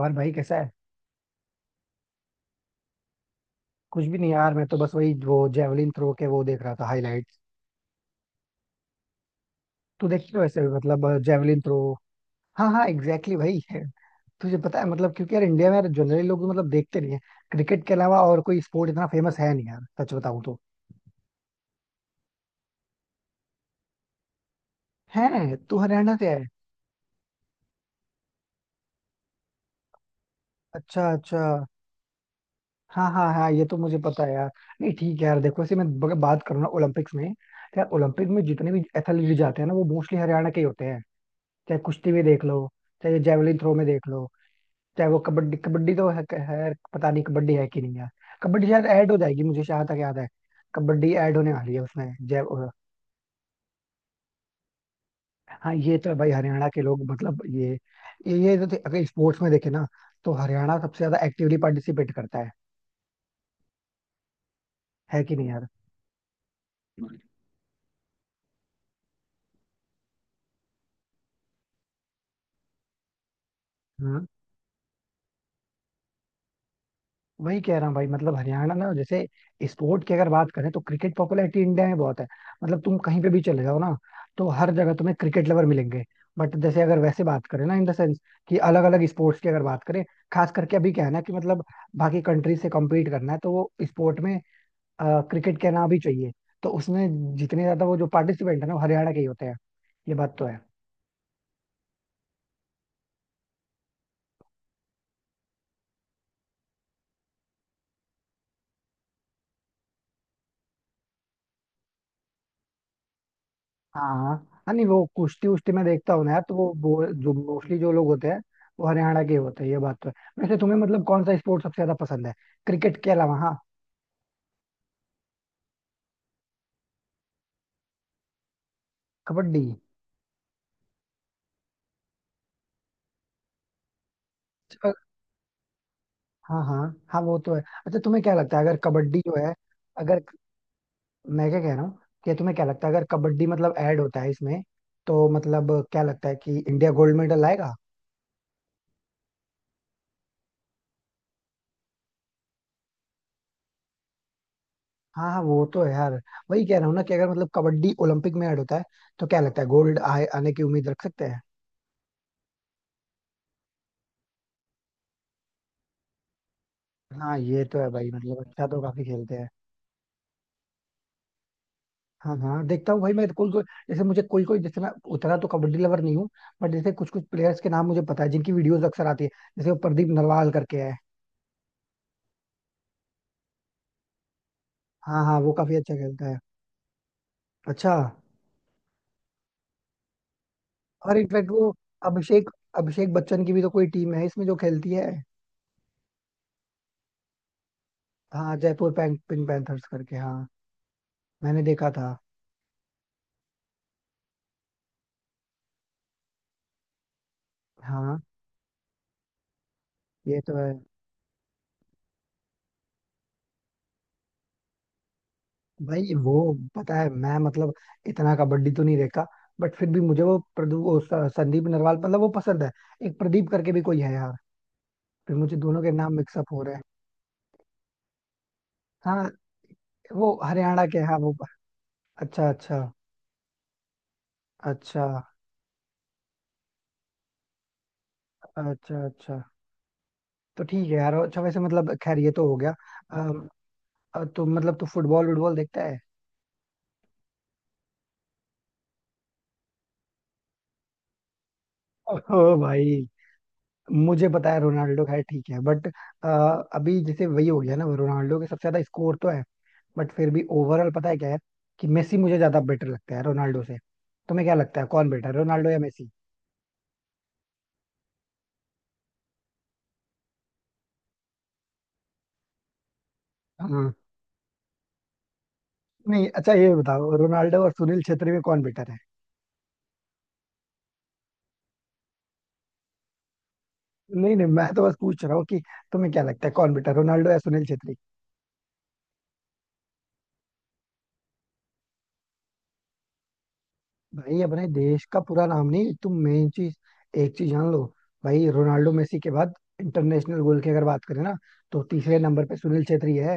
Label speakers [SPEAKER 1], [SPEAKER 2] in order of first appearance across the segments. [SPEAKER 1] और भाई कैसा है? कुछ भी नहीं यार, मैं तो बस वही वो जेवलिन थ्रो के वो देख रहा था हाईलाइट्स। तू देखती हो वैसे भी, मतलब जेवलिन थ्रो? हाँ हाँ एग्जैक्टली भाई है। तुझे पता है मतलब, क्योंकि यार इंडिया में यार जनरली लोग तो मतलब देखते नहीं है। क्रिकेट के अलावा और कोई स्पोर्ट इतना फेमस है नहीं यार, सच बताऊं तो। है तू हरियाणा से है? अच्छा, अच्छा। हाँ, हाँ, हाँ, ये तो मुझे पता है यार। नहीं, ठीक है यार, देखो ऐसे मैं बात करूँ ना, ओलंपिक्स में तो यार ओलंपिक में जितने भी एथलीट जाते हैं ना वो मोस्टली हरियाणा के ही होते हैं। चाहे कुश्ती में देख लो। चाहे जेवलिन थ्रो में देख लो। चाहे वो कबड्डी, कबड्डी तो है पता नहीं कबड्डी है कि नहीं यार। कबड्डी शायद ऐड हो जाएगी मुझे जहाँ तक याद है। कबड्डी ऐड होने वाली है उसमें जय हाँ ये तो है भाई, हरियाणा के लोग मतलब ये। ये तो अगर स्पोर्ट्स में देखे ना, तो हरियाणा सबसे ज्यादा एक्टिवली पार्टिसिपेट करता है। है कि नहीं यार? हाँ, वही कह रहा हूँ भाई, मतलब हरियाणा ना, जैसे स्पोर्ट की अगर बात करें, तो क्रिकेट पॉपुलैरिटी इंडिया में बहुत है। मतलब तुम कहीं पे भी चले जाओ ना, तो हर जगह तुम्हें क्रिकेट लवर मिलेंगे। बट जैसे अगर वैसे बात करें ना, इन द सेंस कि अलग अलग स्पोर्ट्स की अगर बात करें, खास करके अभी क्या है ना, कि मतलब बाकी कंट्री से कम्पीट करना है तो वो स्पोर्ट में क्रिकेट के नाम भी चाहिए। तो उसमें जितने ज्यादा वो जो पार्टिसिपेंट है ना, वो हरियाणा के ही होते हैं। ये बात तो है। हाँ हाँ। नहीं वो कुश्ती उश्ती में देखता हूँ ना यार, तो वो जो मोस्टली जो लोग होते हैं, वो हरियाणा के ही होते हैं, ये बात तो है। वैसे तुम्हें मतलब कौन सा स्पोर्ट सबसे ज्यादा पसंद है, क्रिकेट के अलावा? हाँ। कबड्डी? अ- हाँ, हाँ। हाँ वो तो है। अच्छा, तुम्हें क्या लगता है अगर कबड्डी जो है, अगर, मैं क्या कह रहा हूँ, कि तुम्हें क्या लगता है अगर कबड्डी मतलब ऐड होता है इसमें, तो मतलब क्या लगता है कि इंडिया गोल्ड मेडल लाएगा? हाँ, हाँ, वो तो है यार। वही कह रहा हूँ ना, कि अगर मतलब कबड्डी ओलंपिक में ऐड होता है, तो क्या लगता है गोल्ड आए, आने की उम्मीद रख सकते हैं? हाँ, ये तो है भाई, मतलब अच्छा तो काफी खेलते हैं। हाँ, हाँ, देखता हूँ भाई, मैं कोई कोई, जैसे मुझे कोई कोई, जैसे मैं उतना तो कबड्डी लवर नहीं हूँ। बट जैसे कुछ कुछ प्लेयर्स के नाम मुझे पता है, जिनकी वीडियोस अक्सर आती है। जैसे वो प्रदीप नरवाल करके है। हाँ, हाँ, वो काफी अच्छा खेलता है। अच्छा। और इनफैक्ट वो अभिषेक अभिषेक बच्चन की भी तो कोई टीम है इसमें जो खेलती है। हाँ, जयपुर पिंक पैंथर्स करके, हाँ। मैंने देखा था। हाँ ये तो है भाई, वो पता है मैं मतलब इतना कबड्डी तो नहीं देखा। बट फिर भी मुझे वो संदीप नरवाल मतलब वो पसंद है। एक प्रदीप करके भी कोई है यार, फिर मुझे दोनों के नाम मिक्सअप हो रहे हैं। हाँ, वो हरियाणा के, हाँ वो। अच्छा, अच्छा। अच्छा, अच्छा। अच्छा। तो ठीक है यार, अच्छा वैसे मतलब खैर ये तो हो गया। अम, तो मतलब तू फुटबॉल वुटबॉल देखता है? ओ भाई, मुझे पता है रोनाल्डो, खैर ठीक है बट अभी जैसे वही हो गया ना, रोनाल्डो के सबसे ज्यादा स्कोर तो है। बट फिर भी ओवरऑल पता है क्या है, कि मेसी मुझे ज्यादा बेटर लगता है रोनाल्डो से। तुम्हें क्या लगता है कौन बेटर है, रोनाल्डो या मेसी? हाँ। नहीं, अच्छा ये बताओ, रोनाल्डो और सुनील छेत्री में कौन बेटर है? नहीं, नहीं, मैं तो बस पूछ रहा हूँ कि तुम्हें क्या लगता है कौन बेटर, रोनाल्डो या सुनील छेत्री? भाई अपने देश का पूरा नाम नहीं, तुम मेन चीज, एक चीज जान लो। भाई रोनाल्डो मेसी के बाद, इंटरनेशनल गोल की अगर बात करें ना, तो तीसरे नंबर पे सुनील छेत्री है।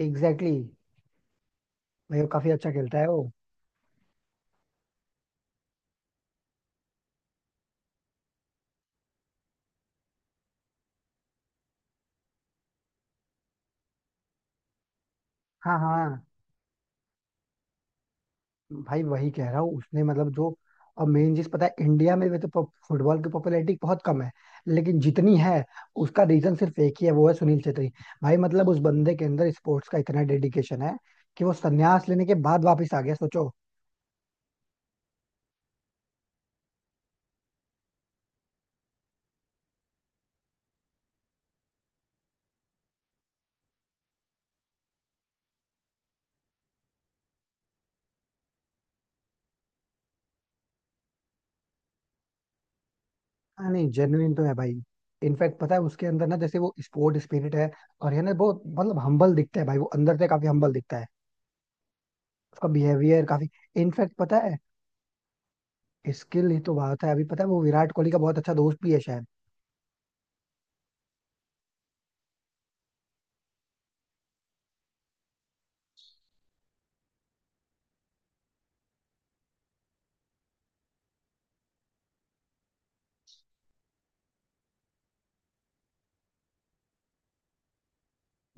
[SPEAKER 1] Exactly exactly। भाई वो काफी अच्छा खेलता है वो। हाँ, हाँ भाई, वही कह रहा हूँ उसने मतलब जो। और मेन चीज पता है, इंडिया में भी तो फुटबॉल की पॉपुलैरिटी बहुत कम है। लेकिन जितनी है, उसका रीजन सिर्फ एक ही है, वो है सुनील छेत्री। भाई मतलब उस बंदे के अंदर स्पोर्ट्स का इतना डेडिकेशन है, कि वो संन्यास लेने के बाद वापस आ गया, सोचो। हाँ, नहीं जेन्युइन तो है भाई। इनफैक्ट पता है उसके अंदर ना, जैसे वो स्पोर्ट स्पिरिट है। और ये ना बहुत मतलब हम्बल दिखता है भाई, वो अंदर से काफी हम्बल दिखता है। उसका बिहेवियर काफी। इनफैक्ट पता है, स्किल ही तो बात है। अभी पता है वो विराट कोहली का बहुत अच्छा दोस्त भी है शायद।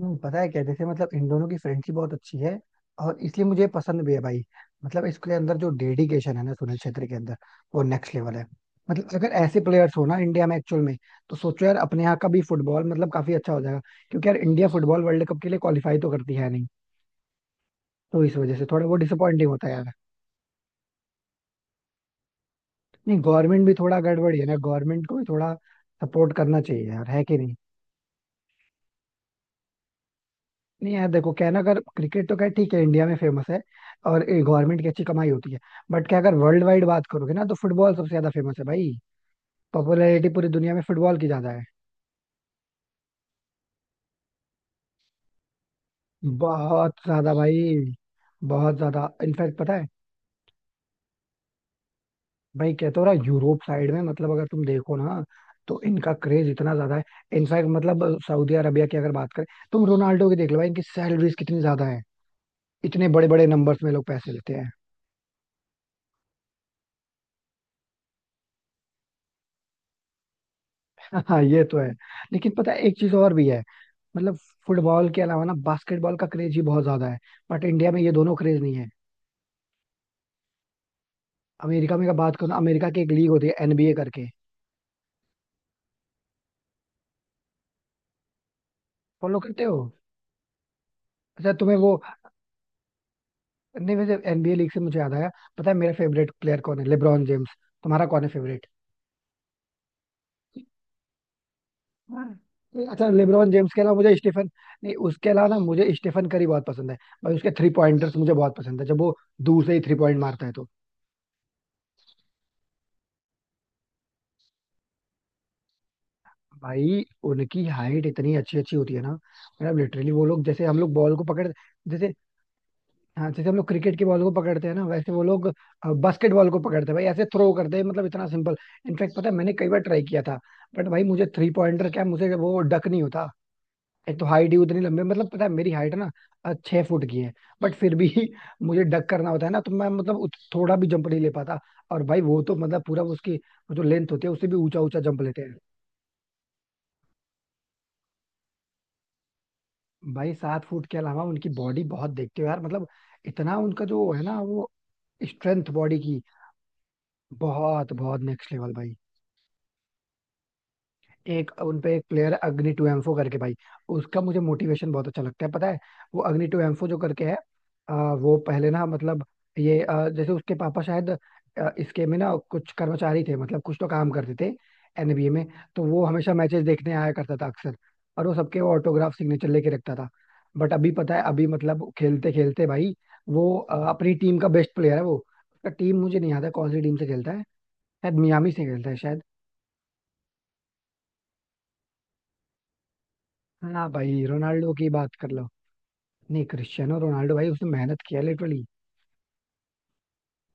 [SPEAKER 1] नहीं पता है क्या, जैसे मतलब इन दोनों की फ्रेंडशिप बहुत अच्छी है, और इसलिए मुझे पसंद भी है भाई। मतलब इसके अंदर जो डेडिकेशन है ना सुनील छेत्री के अंदर, वो नेक्स्ट लेवल है। मतलब अगर ऐसे प्लेयर्स हो ना इंडिया में एक्चुअल में, तो सोचो यार, अपने यहाँ का भी फुटबॉल मतलब काफी अच्छा हो जाएगा। क्योंकि यार इंडिया फुटबॉल वर्ल्ड कप के लिए क्वालिफाई तो करती है नहीं, तो इस वजह से थोड़ा वो डिसअपॉइंटिंग होता है यार। नहीं, गवर्नमेंट भी थोड़ा गड़बड़ी है ना, गवर्नमेंट को भी थोड़ा सपोर्ट करना चाहिए यार, है कि नहीं? नहीं यार देखो, क्या है ना, अगर क्रिकेट तो क्या है, ठीक है इंडिया में फेमस है, और गवर्नमेंट की अच्छी कमाई होती है। बट क्या, अगर वर्ल्ड वाइड बात करोगे ना, तो फुटबॉल सबसे ज्यादा फेमस है भाई। पॉपुलैरिटी पूरी दुनिया में फुटबॉल की ज्यादा है। बहुत ज्यादा भाई। बहुत ज्यादा, इनफैक्ट पता है, भाई कहते हो रहा यूरोप साइड में मतलब, अगर तुम देखो ना, तो इनका क्रेज इतना ज्यादा है। इनफैक्ट मतलब सऊदी अरबिया की अगर बात करें, तुम रोनाल्डो की देख लो भाई, इनकी सैलरीज कितनी ज्यादा है, इतने बड़े बड़े नंबर्स में लोग पैसे लेते हैं। हाँ, ये तो है। लेकिन पता है एक चीज और भी है, मतलब फुटबॉल के अलावा ना बास्केटबॉल का क्रेज ही बहुत ज्यादा है। बट इंडिया में ये दोनों क्रेज नहीं है। अमेरिका में अगर बात करूँ, तो अमेरिका की एक लीग होती है एनबीए करके। फॉलो करते हो? अच्छा तुम्हें वो, नहीं वैसे एनबीए लीग से मुझे याद आया, पता है मेरा फेवरेट प्लेयर कौन है? LeBron James. तुम्हारा कौन है फेवरेट? अच्छा लेब्रॉन जेम्स के अलावा मुझे स्टीफन, नहीं उसके अलावा ना मुझे स्टीफन करी बहुत पसंद है। भाई उसके थ्री पॉइंटर्स मुझे बहुत पसंद है, जब वो दूर से ही थ्री पॉइंट मारता है तो। भाई उनकी हाइट इतनी अच्छी अच्छी होती है ना, मतलब लिटरली वो लोग, जैसे हम लोग बॉल को पकड़, जैसे, हाँ जैसे हम लोग क्रिकेट की बॉल को पकड़ते हैं ना, वैसे वो लोग बास्केट बॉल को पकड़ते हैं भाई, ऐसे थ्रो करते हैं, मतलब इतना सिंपल। इनफैक्ट पता है मैंने कई बार ट्राई किया था, बट भाई मुझे थ्री पॉइंटर क्या, मुझे वो डक नहीं होता। एक तो हाइट ही उतनी लंबी, मतलब पता है मेरी हाइट ना 6 फुट की है। बट फिर भी मुझे डक करना होता है ना, तो मैं मतलब थोड़ा भी जंप नहीं ले पाता। और भाई वो तो मतलब पूरा उसकी वो जो लेंथ होती है, उससे भी ऊंचा ऊंचा जंप लेते हैं। भाई 7 फुट के अलावा उनकी बॉडी बहुत, देखते हो यार, मतलब इतना उनका जो है ना, वो स्ट्रेंथ बॉडी की, बहुत बहुत नेक्स्ट लेवल भाई। एक उन पे एक प्लेयर अग्नि टू एम्फो करके भाई, उसका मुझे मोटिवेशन बहुत अच्छा लगता है पता है। वो अग्नि टू एम्फो जो करके है, वो पहले ना, मतलब ये जैसे उसके पापा शायद इसके में ना कुछ कर्मचारी थे, मतलब कुछ तो काम करते थे, एनबीए में। तो वो हमेशा मैचेस देखने आया करता था अक्सर, और वो सबके वो ऑटोग्राफ सिग्नेचर लेके रखता था। बट अभी पता है, अभी मतलब खेलते खेलते भाई, वो अपनी टीम का बेस्ट प्लेयर है वो। उसका टीम मुझे नहीं याद है कौन सी टीम से खेलता है, शायद मियामी से खेलता है शायद। हाँ भाई, रोनाल्डो की बात कर लो, नहीं क्रिस्टियानो रोनाल्डो भाई, उसने मेहनत किया लिटरली।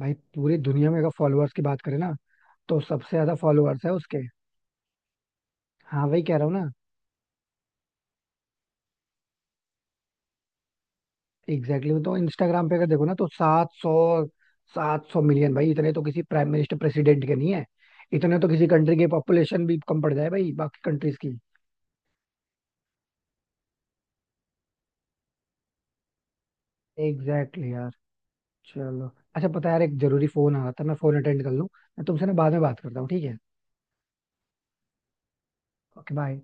[SPEAKER 1] भाई पूरी दुनिया में अगर फॉलोअर्स की बात करें ना, तो सबसे ज्यादा फॉलोअर्स है उसके। हाँ वही कह रहा हूँ ना, एग्जैक्टली exactly, तो इंस्टाग्राम पे अगर देखो ना तो सात सौ मिलियन भाई, इतने तो किसी प्राइम मिनिस्टर प्रेसिडेंट के नहीं है। इतने तो किसी कंट्री की पॉपुलेशन भी कम पड़ जाए भाई, बाकी कंट्रीज की। एग्जैक्टली exactly यार, चलो। अच्छा पता है यार, एक जरूरी फोन आ रहा था, मैं फोन अटेंड कर लूँ। मैं तुमसे ना बाद में बात करता हूँ, ठीक है? Okay, bye.